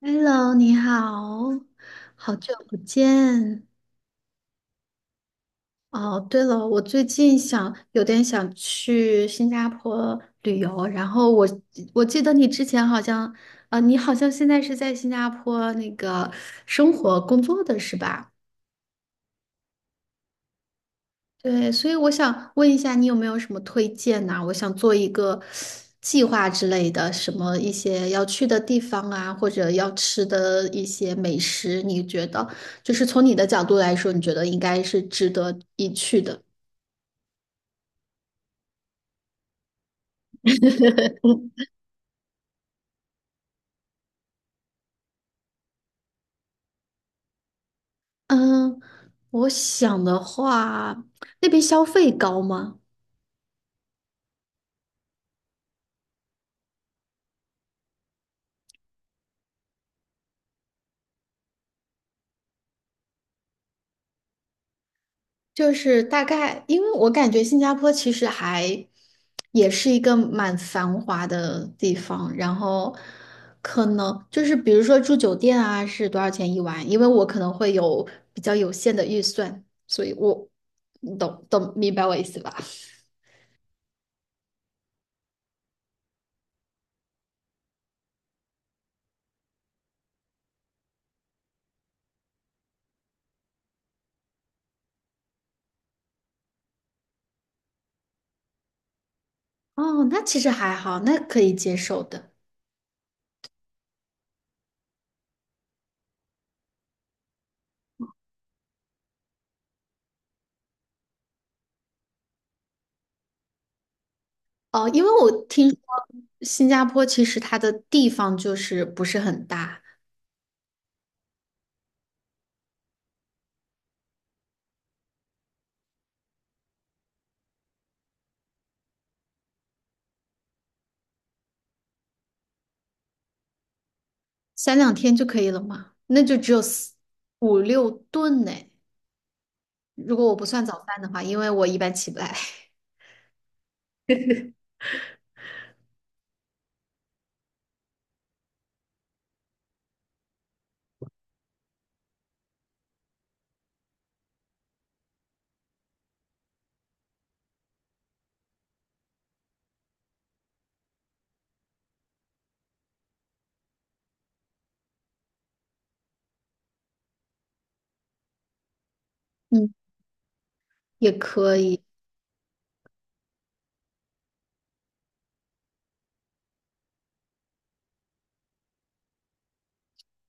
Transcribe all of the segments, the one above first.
Hello，你好，好久不见。哦，对了，我最近想有点想去新加坡旅游，然后我记得你之前好像，啊，你好像现在是在新加坡那个生活工作的是吧？对，所以我想问一下，你有没有什么推荐呐、我想做一个计划之类的，什么一些要去的地方啊，或者要吃的一些美食，你觉得就是从你的角度来说，你觉得应该是值得一去的？嗯，我想的话，那边消费高吗？就是大概，因为我感觉新加坡其实还也是一个蛮繁华的地方，然后可能就是比如说住酒店啊是多少钱一晚，因为我可能会有比较有限的预算，所以我你懂明白我意思吧？哦，那其实还好，那可以接受的。哦，因为我听说新加坡其实它的地方就是不是很大，三两天就可以了嘛，那就只有四五六顿呢。如果我不算早饭的话，因为我一般起不来，嗯，也可以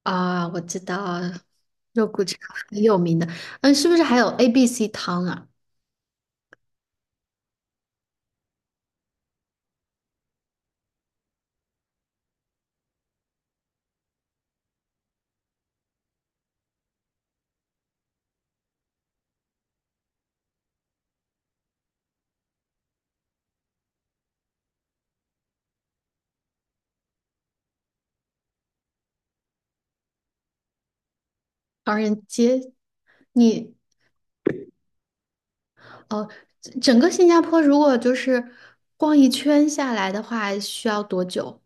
啊。我知道肉骨茶很有名的，嗯，是不是还有 ABC 汤啊？唐人街，你哦，整整个新加坡如果就是逛一圈下来的话，需要多久？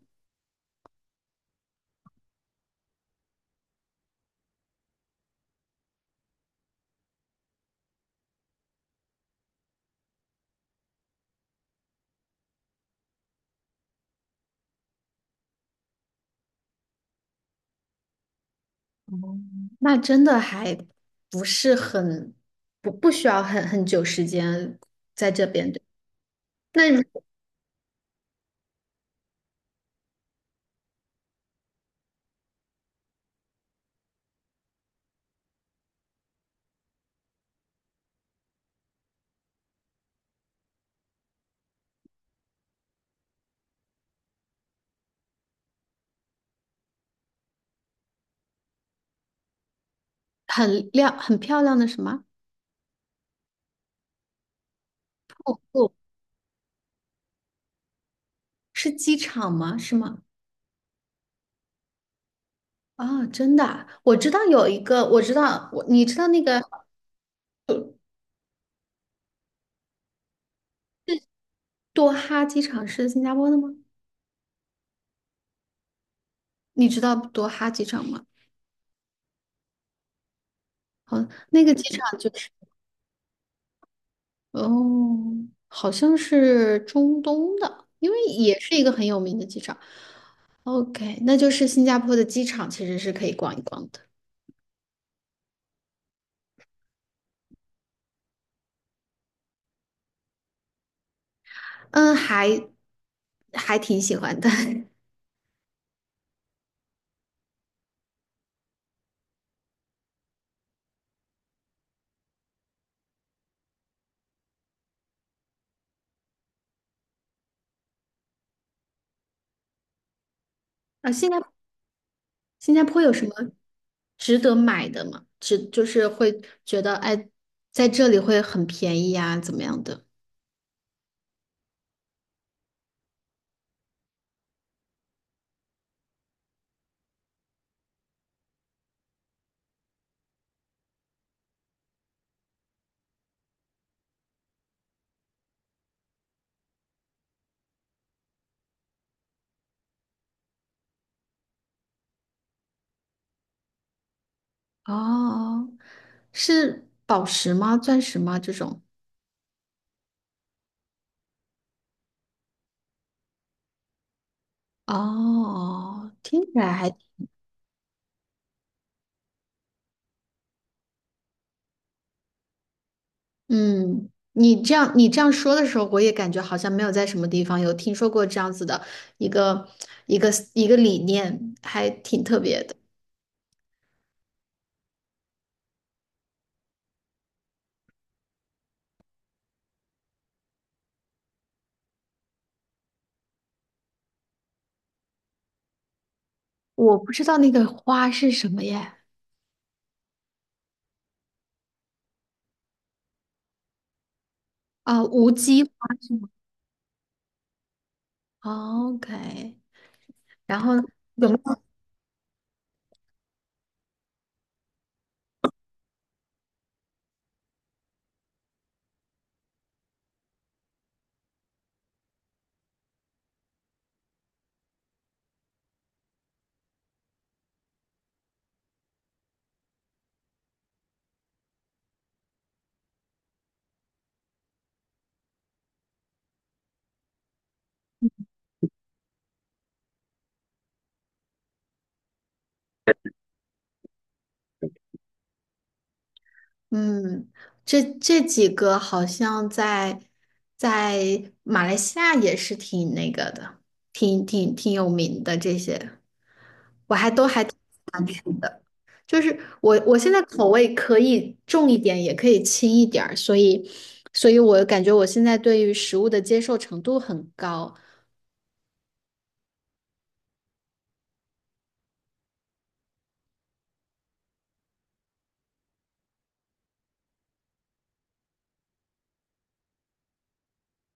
那真的还不是很不需要很久时间在这边的。那如很亮很漂亮的什么？不是机场吗？是吗？啊，真的啊我知道有一个，我知道我，你知道那个多哈机场是新加坡的吗？你知道多哈机场吗？好，那个机场就是，哦，好像是中东的，因为也是一个很有名的机场。OK，那就是新加坡的机场其实是可以逛一逛的。嗯，还挺喜欢的。啊，新加坡有什么值得买的吗？值就是会觉得哎，在这里会很便宜啊，怎么样的？哦，是宝石吗？钻石吗？这种？哦，听起来还，嗯，你这样说的时候，我也感觉好像没有在什么地方有听说过这样子的一个一个理念，还挺特别的。我不知道那个花是什么耶？啊，无机花是吗？OK，然后呢有没有？嗯，这这几个好像在在马来西亚也是挺那个的，挺有名的这些餐厅的。就是我现在口味可以重一点，也可以轻一点儿，所以我感觉我现在对于食物的接受程度很高。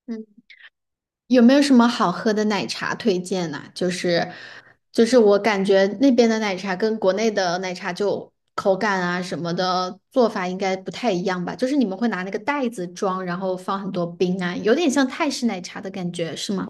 嗯。有没有什么好喝的奶茶推荐呢、就是就是我感觉那边的奶茶跟国内的奶茶就口感啊什么的做法应该不太一样吧？就是你们会拿那个袋子装，然后放很多冰啊，有点像泰式奶茶的感觉，是吗？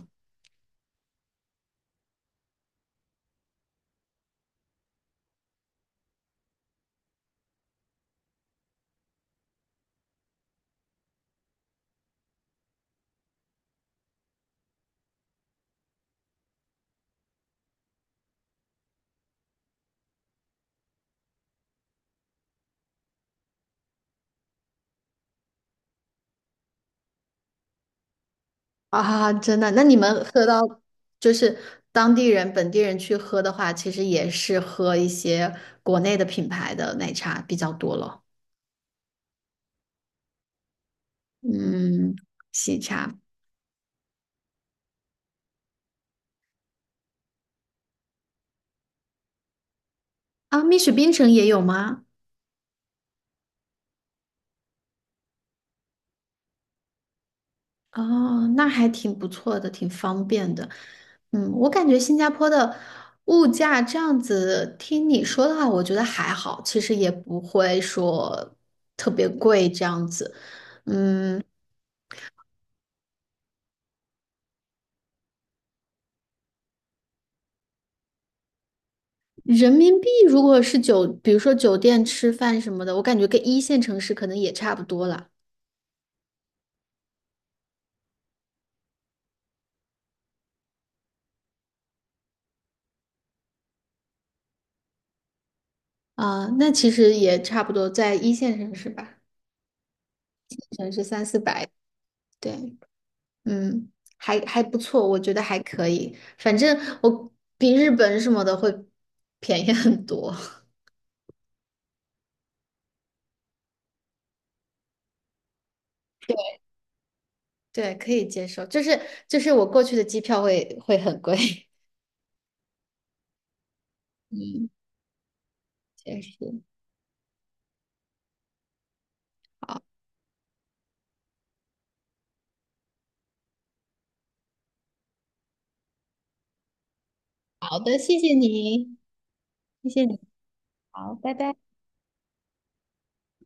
啊，真的，那你们喝到就是当地人、本地人去喝的话，其实也是喝一些国内的品牌的奶茶比较多了。嗯，喜茶啊，蜜雪冰城也有吗？哦，那还挺不错的，挺方便的。嗯，我感觉新加坡的物价这样子，听你说的话，我觉得还好，其实也不会说特别贵这样子。嗯，人民币如果是酒，比如说酒店吃饭什么的，我感觉跟一线城市可能也差不多了。啊、那其实也差不多，在一线城市吧，城市三四百，对。嗯，还还不错，我觉得还可以。反正我比日本什么的会便宜很多，对，可以接受。就是就是我过去的机票会很贵。嗯，确实。好好的，谢谢你，谢谢你。